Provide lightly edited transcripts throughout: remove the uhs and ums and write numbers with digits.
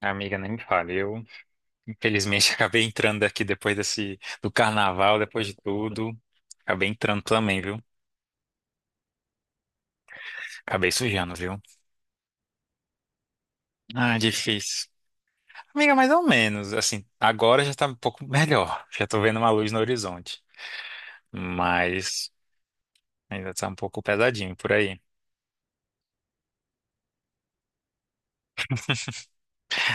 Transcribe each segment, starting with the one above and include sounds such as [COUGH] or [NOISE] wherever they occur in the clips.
Amiga, nem me fale. Eu, infelizmente, [LAUGHS] acabei entrando aqui depois desse, do carnaval, depois de tudo. Acabei entrando também, viu? Acabei sujando, viu? Ah, difícil. Amiga, mais ou menos. Assim, agora já tá um pouco melhor. Já tô vendo uma luz no horizonte. Mas ainda tá um pouco pesadinho por aí.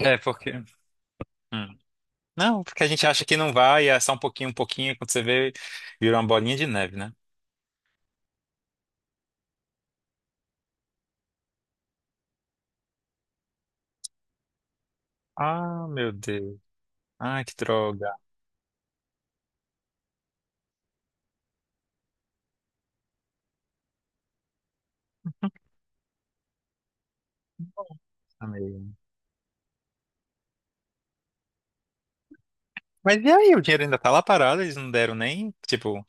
É, porque. Hum. Não, porque a gente acha que não vai, e é só um pouquinho, quando você vê, virou uma bolinha de neve, né? Ah, meu Deus. Ai, que droga, amiga. Mas e aí, o dinheiro ainda tá lá parado, eles não deram nem, tipo,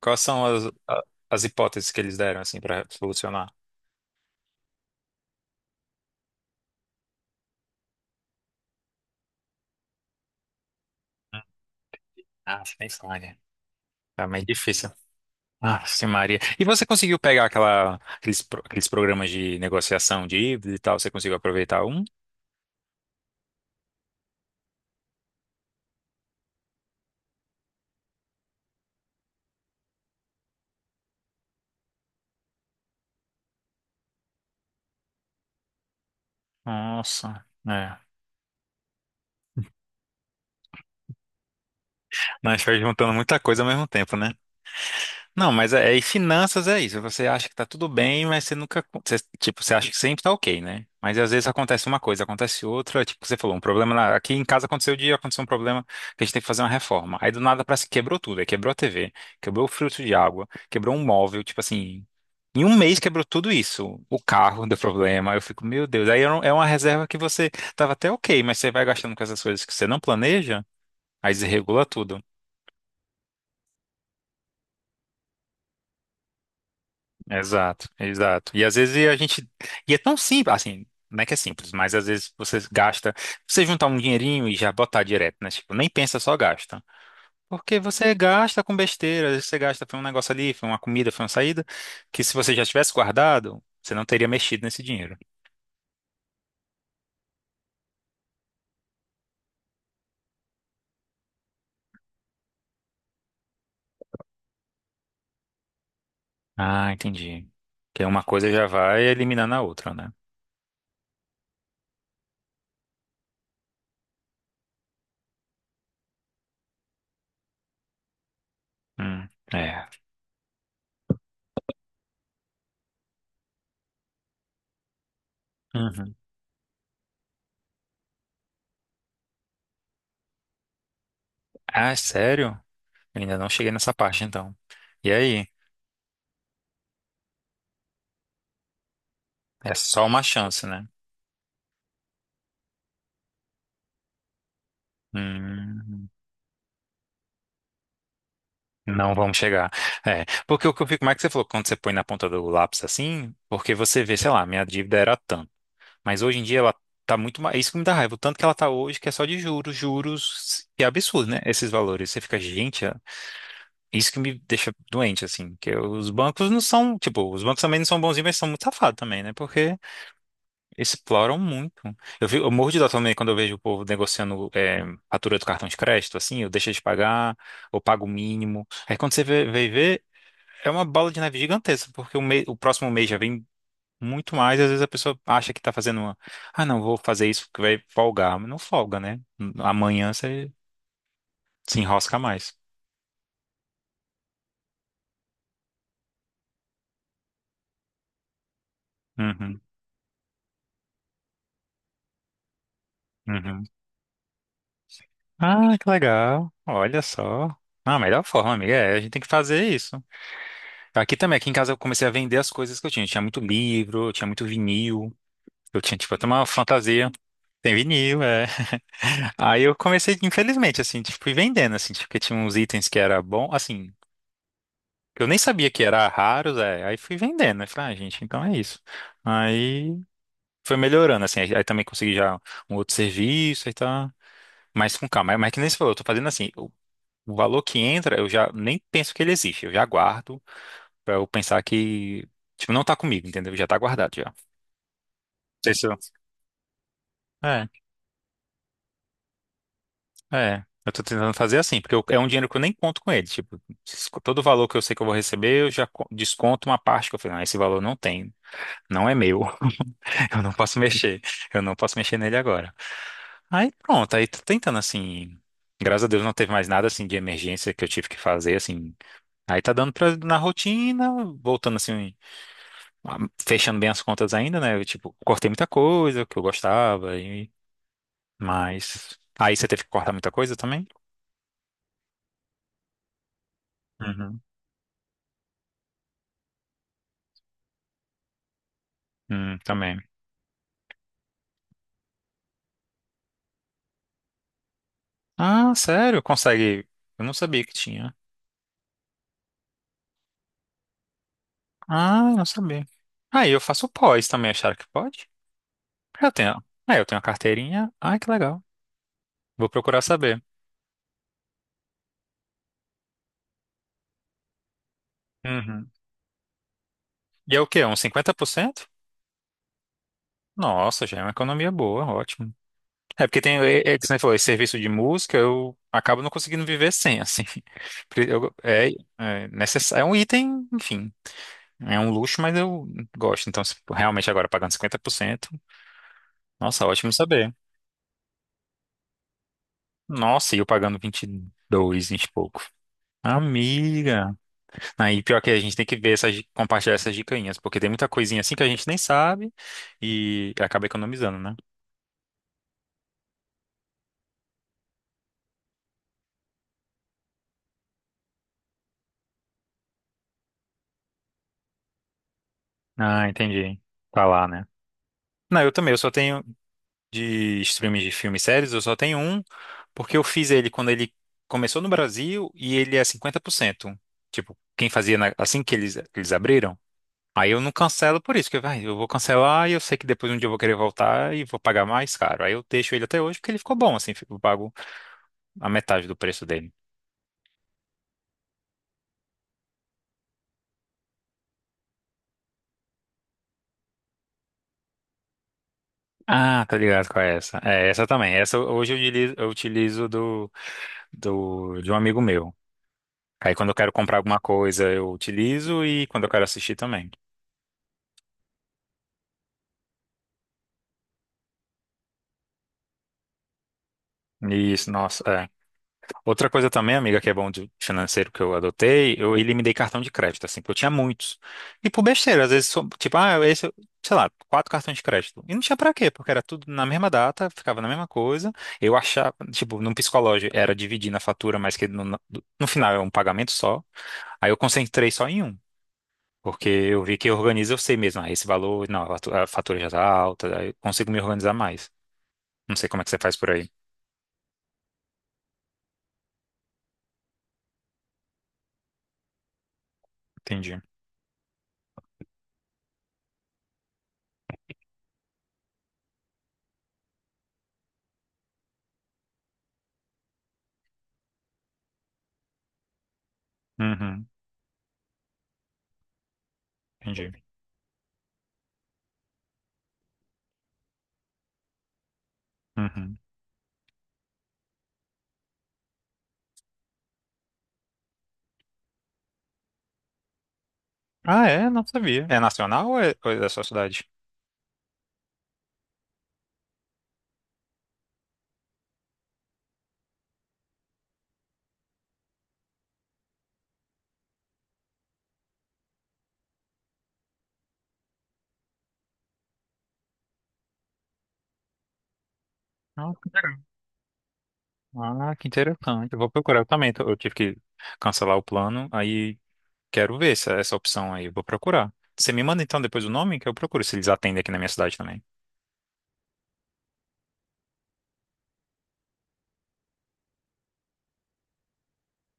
quais são as, a- as hipóteses que eles deram, assim, pra solucionar? Ah, nem falha. Tá meio difícil. Ah, sim, Maria. E você conseguiu pegar aquela, aqueles, pro- aqueles programas de negociação de dívida e tal? Você conseguiu aproveitar um? Nossa, é. Mas foi juntando muita coisa ao mesmo tempo, né? Não, mas é, e finanças é isso. Você acha que tá tudo bem, mas você nunca, você, tipo, você acha que sempre tá ok, né? Mas às vezes acontece uma coisa, acontece outra, tipo, você falou, um problema na- aqui em casa aconteceu o dia, aconteceu um problema que a gente tem que fazer uma reforma. Aí do nada parece que quebrou tudo, aí quebrou a TV, quebrou o filtro de água, quebrou um móvel, tipo assim, em um mês quebrou tudo isso. O carro deu problema, eu fico, meu Deus, aí é um- é uma reserva que você tava até ok, mas você vai gastando com essas coisas que você não planeja, aí desregula tudo. Exato, exato. E às vezes a gente. E é tão simples, assim, não é que é simples, mas às vezes você gasta. Você juntar um dinheirinho e já botar direto, né? Tipo, nem pensa, só gasta. Porque você gasta com besteira, às vezes você gasta, foi um negócio ali, foi uma comida, foi uma saída, que se você já tivesse guardado, você não teria mexido nesse dinheiro. Ah, entendi. Que uma coisa já vai eliminando a outra, né? Hum, é. Uhum. Ah, é sério? Eu ainda não cheguei nessa parte, então. E aí? É só uma chance, né? Hum. Não vamos chegar. É, porque o que eu fico, como é que você falou, quando você põe na ponta do lápis assim, porque você vê, sei lá, minha dívida era tanto, mas hoje em dia ela tá muito mais, isso que me dá raiva, o tanto que ela tá hoje, que é só de juros, juros, que é absurdo, né? Esses valores, você fica, gente, é- isso que me deixa doente, assim, que os bancos não são, tipo, os bancos também não são bonzinhos, mas são muito safados também, né? Porque exploram muito. Eu, vi- eu morro de dó também quando eu vejo o povo negociando é, fatura do cartão de crédito, assim, eu deixo de pagar, ou pago o mínimo. Aí quando você vê, é uma bola de neve gigantesca, porque o, me- o próximo mês já vem muito mais. Às vezes a pessoa acha que tá fazendo uma. Ah, não, vou fazer isso porque vai folgar. Mas não folga, né? Amanhã você se enrosca mais. Uhum, uhum. Ah, que legal. Olha só. Ah, a melhor forma, amiga, é a gente tem que fazer isso. Aqui também, aqui em casa eu comecei a vender as coisas que eu tinha. Eu tinha muito livro, eu tinha muito vinil. Eu tinha, tipo, até uma fantasia. Tem vinil, é. [LAUGHS] Aí eu comecei, infelizmente, assim, tipo, fui vendendo, assim, tipo, porque tinha uns itens que era bom, assim. Eu nem sabia que era raros é. Aí fui vendendo, né? Falei, ah, gente, então é isso. Aí foi melhorando, assim. Aí também consegui já um outro serviço, aí tá mais com calma. Mas que nem você falou, eu tô fazendo assim, o valor que entra, eu já nem penso que ele existe. Eu já guardo pra eu pensar que, tipo, não tá comigo, entendeu? Já tá guardado já. Não sei se eu- É, é. Eu tô tentando fazer assim, porque eu- é um dinheiro que eu nem conto com ele. Tipo, todo o valor que eu sei que eu vou receber, eu já co- desconto uma parte que eu falei, não, esse valor não tem, não é meu. Eu não posso mexer. Eu não posso mexer nele agora. Aí pronto, aí tô tentando assim. Graças a Deus não teve mais nada assim de emergência que eu tive que fazer assim. Aí tá dando pra, na rotina, voltando assim, ah, fechando bem as contas ainda, né? Eu, tipo, cortei muita coisa que eu gostava e mas aí você teve que cortar muita coisa também? Uhum. Também. Ah, sério? Consegue? Eu não sabia que tinha. Ah, eu não sabia. Aí eu faço pós também, acharam que pode? Eu tenho. Ah eu tenho a carteirinha. Ai, que legal. Vou procurar saber. Uhum. E é o quê? Uns 50%? Nossa, já é uma economia boa, ótimo. É porque tem, é, é, que você falou, esse serviço de música, eu acabo não conseguindo viver sem, assim. [LAUGHS] Porque eu- é, é necessário, é um item, enfim, é um luxo, mas eu gosto. Então, se realmente agora pagando 50%, nossa, ótimo saber. Nossa, e eu pagando 22, 20 e pouco. Amiga. Aí, pior que a gente tem que ver essas, di- compartilhar essas dicainhas, porque tem muita coisinha assim que a gente nem sabe e acaba economizando, né? Ah, entendi. Tá lá, né? Não, eu também, eu só tenho de streams de filme e séries, eu só tenho um, porque eu fiz ele quando ele começou no Brasil e ele é 50%. Tipo, quem fazia na- assim que eles abriram. Aí eu não cancelo por isso, porque vai, eu vou cancelar e eu sei que depois um dia eu vou querer voltar e vou pagar mais caro. Aí eu deixo ele até hoje porque ele ficou bom, assim, eu pago a metade do preço dele. Ah, tá ligado com essa. É, essa também. Essa hoje eu utilizo do, do, de um amigo meu. Aí quando eu quero comprar alguma coisa, eu utilizo e quando eu quero assistir também. Isso, nossa, é. Outra coisa também, amiga, que é bom de financeiro que eu adotei, eu eliminei cartão de crédito, assim, porque eu tinha muitos. E por besteira, às vezes, só- tipo, ah, esse, sei lá, quatro cartões de crédito. E não tinha pra quê, porque era tudo na mesma data, ficava na mesma coisa. Eu achava, tipo, num psicológico, era dividir na fatura, mas que no, no final é um pagamento só. Aí eu concentrei só em um. Porque eu vi que organiza, eu sei mesmo, ah, esse valor, não, a fatu- a fatura já tá alta, aí eu consigo me organizar mais. Não sei como é que você faz por aí. Entendi. Uhum, entendi. Uhum. Ah, é? Não sabia. É nacional ou é da sua cidade? Ah, que legal. Ah, que interessante. Eu vou procurar eu também. Tô- eu tive que cancelar o plano, aí quero ver essa, essa opção aí. Eu vou procurar. Você me manda então depois o nome que eu procuro se eles atendem aqui na minha cidade também.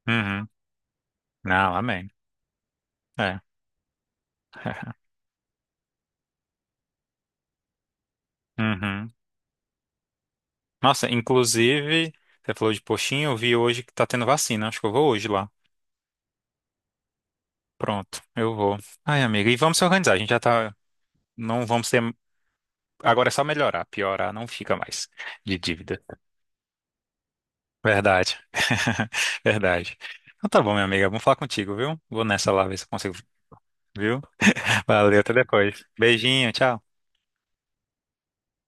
Uhum. Não, amém. É. [LAUGHS] Uhum. Nossa, inclusive, você falou de postinho, eu vi hoje que tá tendo vacina. Acho que eu vou hoje lá. Pronto, eu vou. Ai, amiga, e vamos se organizar. A gente já tá. Não vamos ter. Agora é só melhorar. Piorar não fica mais de dívida. Verdade. [LAUGHS] Verdade. Então tá bom, minha amiga. Vamos falar contigo, viu? Vou nessa lá ver se eu consigo, viu? [LAUGHS] Valeu, até depois. Beijinho, tchau.